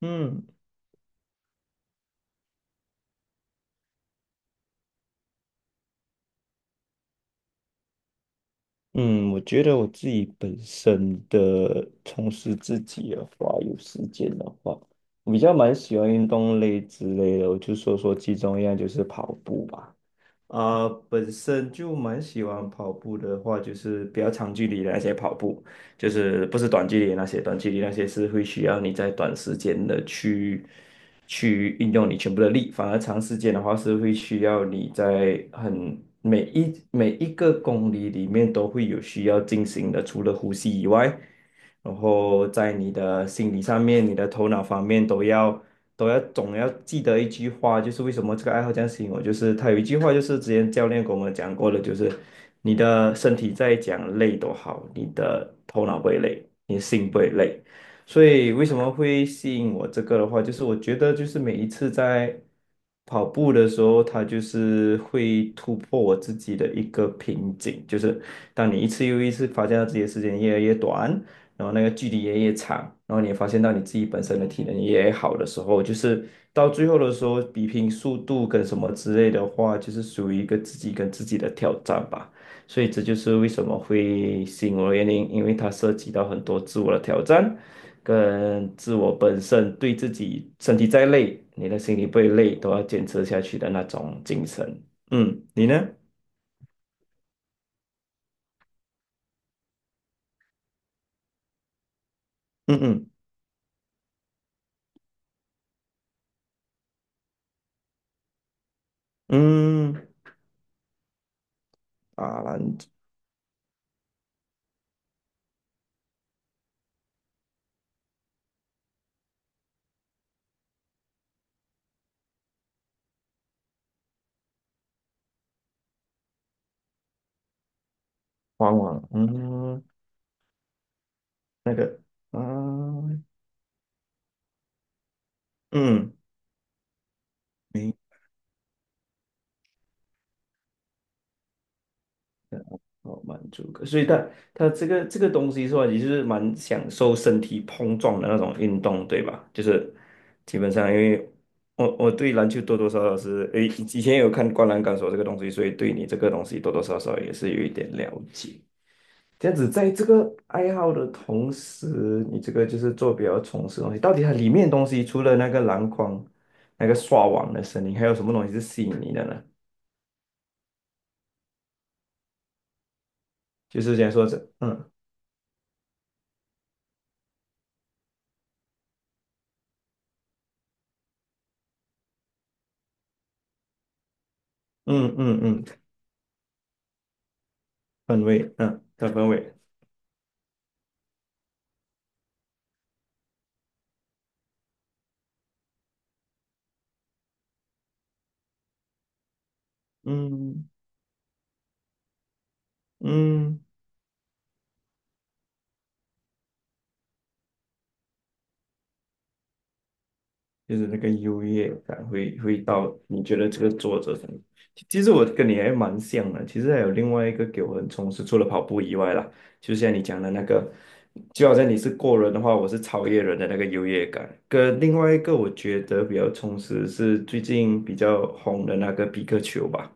嗯嗯，我觉得我自己本身的从事自己的话，有时间的话，我比较蛮喜欢运动类之类的，我就说说其中一样就是跑步吧。啊、本身就蛮喜欢跑步的话，就是比较长距离的那些跑步，就是不是短距离的那些，短距离那些是会需要你在短时间的去运用你全部的力，反而长时间的话是会需要你在很每一个公里里面都会有需要进行的，除了呼吸以外，然后在你的心理上面、你的头脑方面都要。总要记得一句话，就是为什么这个爱好这样吸引我，就是他有一句话，就是之前教练跟我们讲过的，就是你的身体再讲累都好，你的头脑不会累，你的心不会累。所以为什么会吸引我这个的话，就是我觉得就是每一次在跑步的时候，它就是会突破我自己的一个瓶颈，就是当你一次又一次发现到自己的时间越来越短，然后那个距离也越长，然后你也发现到你自己本身的体能也好的时候，就是到最后的时候，比拼速度跟什么之类的话，就是属于一个自己跟自己的挑战吧。所以这就是为什么会吸引我的原因，因为它涉及到很多自我的挑战，跟自我本身对自己身体再累，你的心里不会累，都要坚持下去的那种精神。嗯，你呢？嗯嗯嗯，打篮球往往嗯。那个啊，嗯，没好满足感，所以他这个东西说来，也就是蛮享受身体碰撞的那种运动，对吧？就是基本上，因为我对篮球多多少少是诶，以前有看《灌篮高手》这个东西，所以对你这个东西多多少少也是有一点了解。这样子，在这个爱好的同时，你这个就是做比较从事的东西，到底它里面的东西除了那个篮筐、那个刷网的声音，还有什么东西是吸引你的呢？就是解说者，嗯嗯嗯嗯，氛围，嗯的氛围，嗯嗯，就是那个优越感会到你觉得这个作者很，其实我跟你还蛮像的，其实还有另外一个给我很充实，除了跑步以外啦，就像你讲的那个，就好像你是过人的话，我是超越人的那个优越感，跟另外一个我觉得比较充实是最近比较红的那个比克球吧。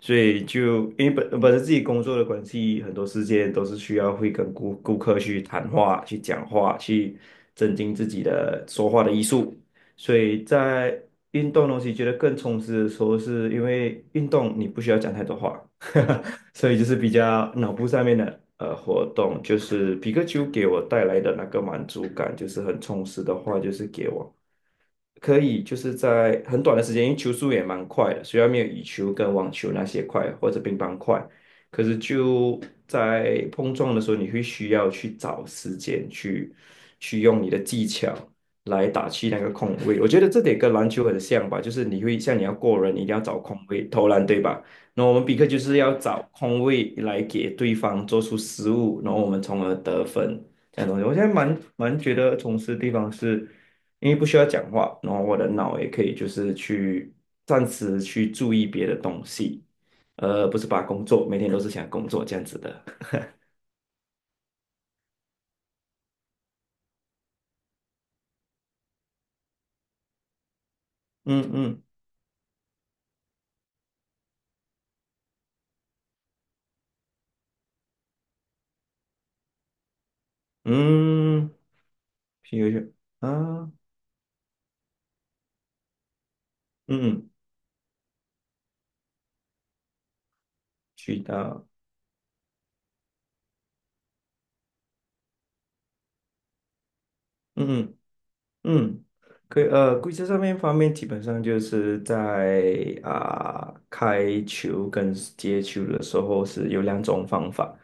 所以就因为本身自己工作的关系，很多事件都是需要会跟顾客去谈话、去讲话、去增进自己的说话的艺术。所以在运动东西觉得更充实的时候，是因为运动你不需要讲太多话，所以就是比较脑部上面的活动，就是皮克丘给我带来的那个满足感，就是很充实的话，就是给我。可以就是在很短的时间，因为球速也蛮快的，虽然没有羽球跟网球那些快或者乒乓快，可是就在碰撞的时候，你会需要去找时间去用你的技巧来打去那个空位。我觉得这点跟篮球很像吧，就是你会像你要过人，你一定要找空位投篮，对吧？那我们比克就是要找空位来给对方做出失误，然后我们从而得分。这样的东西，我现在蛮觉得从事的地方是，因为不需要讲话，然后我的脑也可以就是去暂时去注意别的东西，不是把工作每天都是想工作这样子的。嗯嗯嗯，皮尤去啊，嗯，渠道，嗯嗯嗯，可以规则上面方面基本上就是在啊、开球跟接球的时候是有两种方法。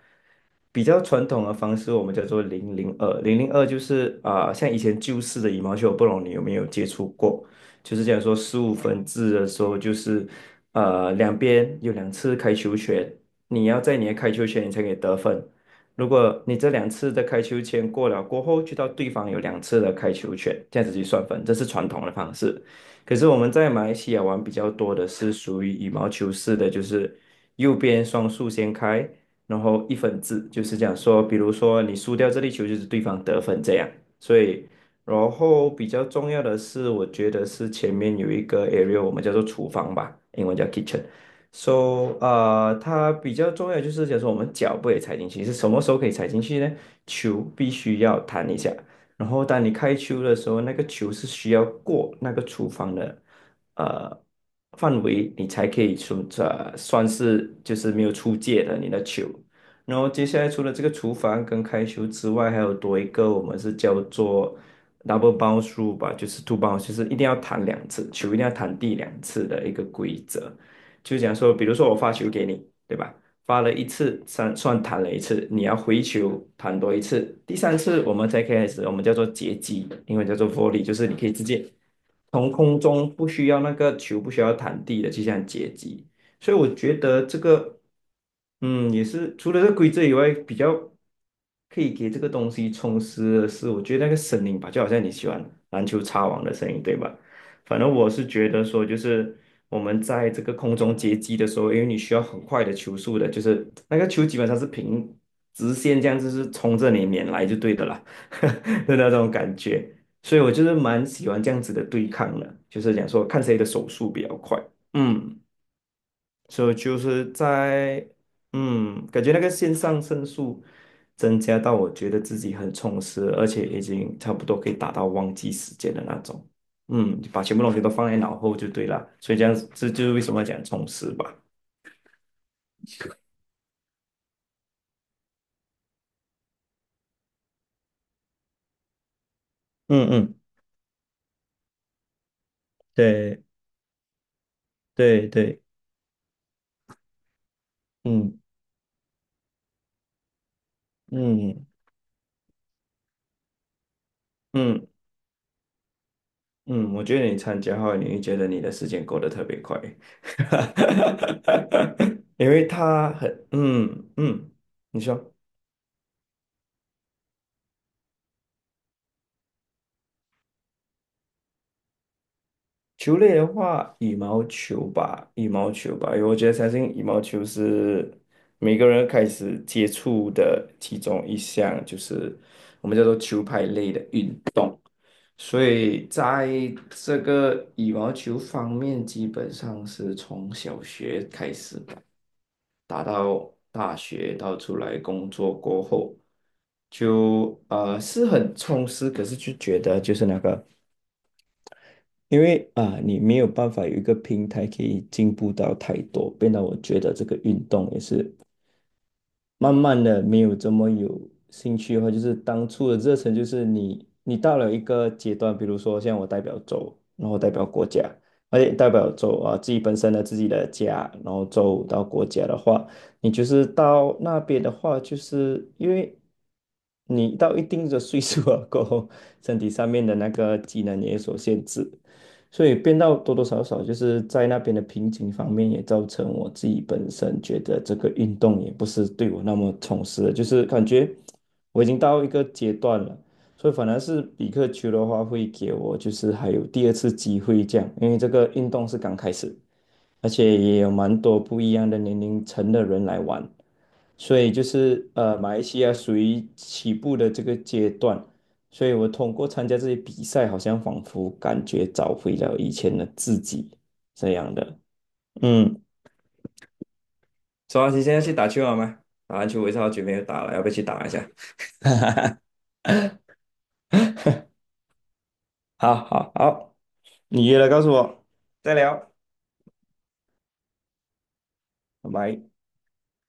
比较传统的方式，我们叫做零零二。零零二就是啊、像以前旧式的羽毛球，我不懂你有没有接触过？就是讲说15分制的时候，就是两边有两次开球权，你要在你的开球权你才可以得分。如果你这两次的开球权过了过后，就到对方有两次的开球权，这样子去算分，这是传统的方式。可是我们在马来西亚玩比较多的是属于羽毛球式的，就是右边双数先开，然后一分制，就是讲说，比如说你输掉这粒球，就是对方得分这样。所以，然后比较重要的是，我觉得是前面有一个 area,我们叫做厨房吧，英文叫 kitchen。So,它比较重要就是，假说我们脚不可以踩进去，是什么时候可以踩进去呢？球必须要弹一下，然后当你开球的时候，那个球是需要过那个厨房的呃范围，你才可以算算是就是没有出界的你的球。然后接下来除了这个厨房跟开球之外，还有多一个我们是叫做 double bounce rule 吧，就是 two bounce,就是一定要弹两次，球一定要弹地两次的一个规则。就讲说，比如说我发球给你，对吧？发了一次，算弹了一次，你要回球弹多一次，第三次我们才开始，我们叫做截击，英文叫做 volley,就是你可以直接从空中不需要那个球不需要弹地的去这样截击，所以我觉得这个，嗯，也是除了这个规则以外，比较可以给这个东西充实的是，我觉得那个声音吧，就好像你喜欢篮球擦网的声音，对吧？反正我是觉得说，就是我们在这个空中接机的时候，因为你需要很快的球速的，就是那个球基本上是平直线这样，就是冲着你面来就对的啦 的那种感觉。所以我就是蛮喜欢这样子的对抗的，就是讲说看谁的手速比较快。嗯。所以就是在嗯，感觉那个线上胜诉增加到我觉得自己很充实，而且已经差不多可以达到忘记时间的那种。嗯，把全部东西都放在脑后就对了，所以这样子这就是为什么要讲充实吧。嗯嗯，对对对，嗯嗯嗯嗯，我觉得你参加后，你会觉得你的时间过得特别快，因为他很嗯嗯，你说。球类的话，羽毛球吧，羽毛球吧，因为我觉得相信羽毛球是每个人开始接触的其中一项，就是我们叫做球拍类的运。动。所以在这个羽毛球方面，基本上是从小学开始吧，打到大学，到出来工作过后，就是很充实，可是就觉得就是那个。因为啊，你没有办法有一个平台可以进步到太多，变得我觉得这个运动也是慢慢的没有这么有兴趣的话，就是当初的热忱，就是你到了一个阶段，比如说像我代表州，然后代表国家，而且代表州啊自己本身的自己的家，然后州到国家的话，你就是到那边的话，就是因为你到一定的岁数了过后，身体上面的那个技能也有所限制。所以变到多多少少就是在那边的瓶颈方面，也造成我自己本身觉得这个运动也不是对我那么充实的，就是感觉我已经到一个阶段了，所以反而是比克球的话会给我就是还有第二次机会这样，因为这个运动是刚开始，而且也有蛮多不一样的年龄层的人来玩，所以就是马来西亚属于起步的这个阶段，所以我通过参加这些比赛，好像仿佛感觉找回了以前的自己这样的。嗯，周老师现在去打球好吗？打篮球我一直好久没有打了，要不要去打一下？好好好，你约了告诉我，再聊，拜拜。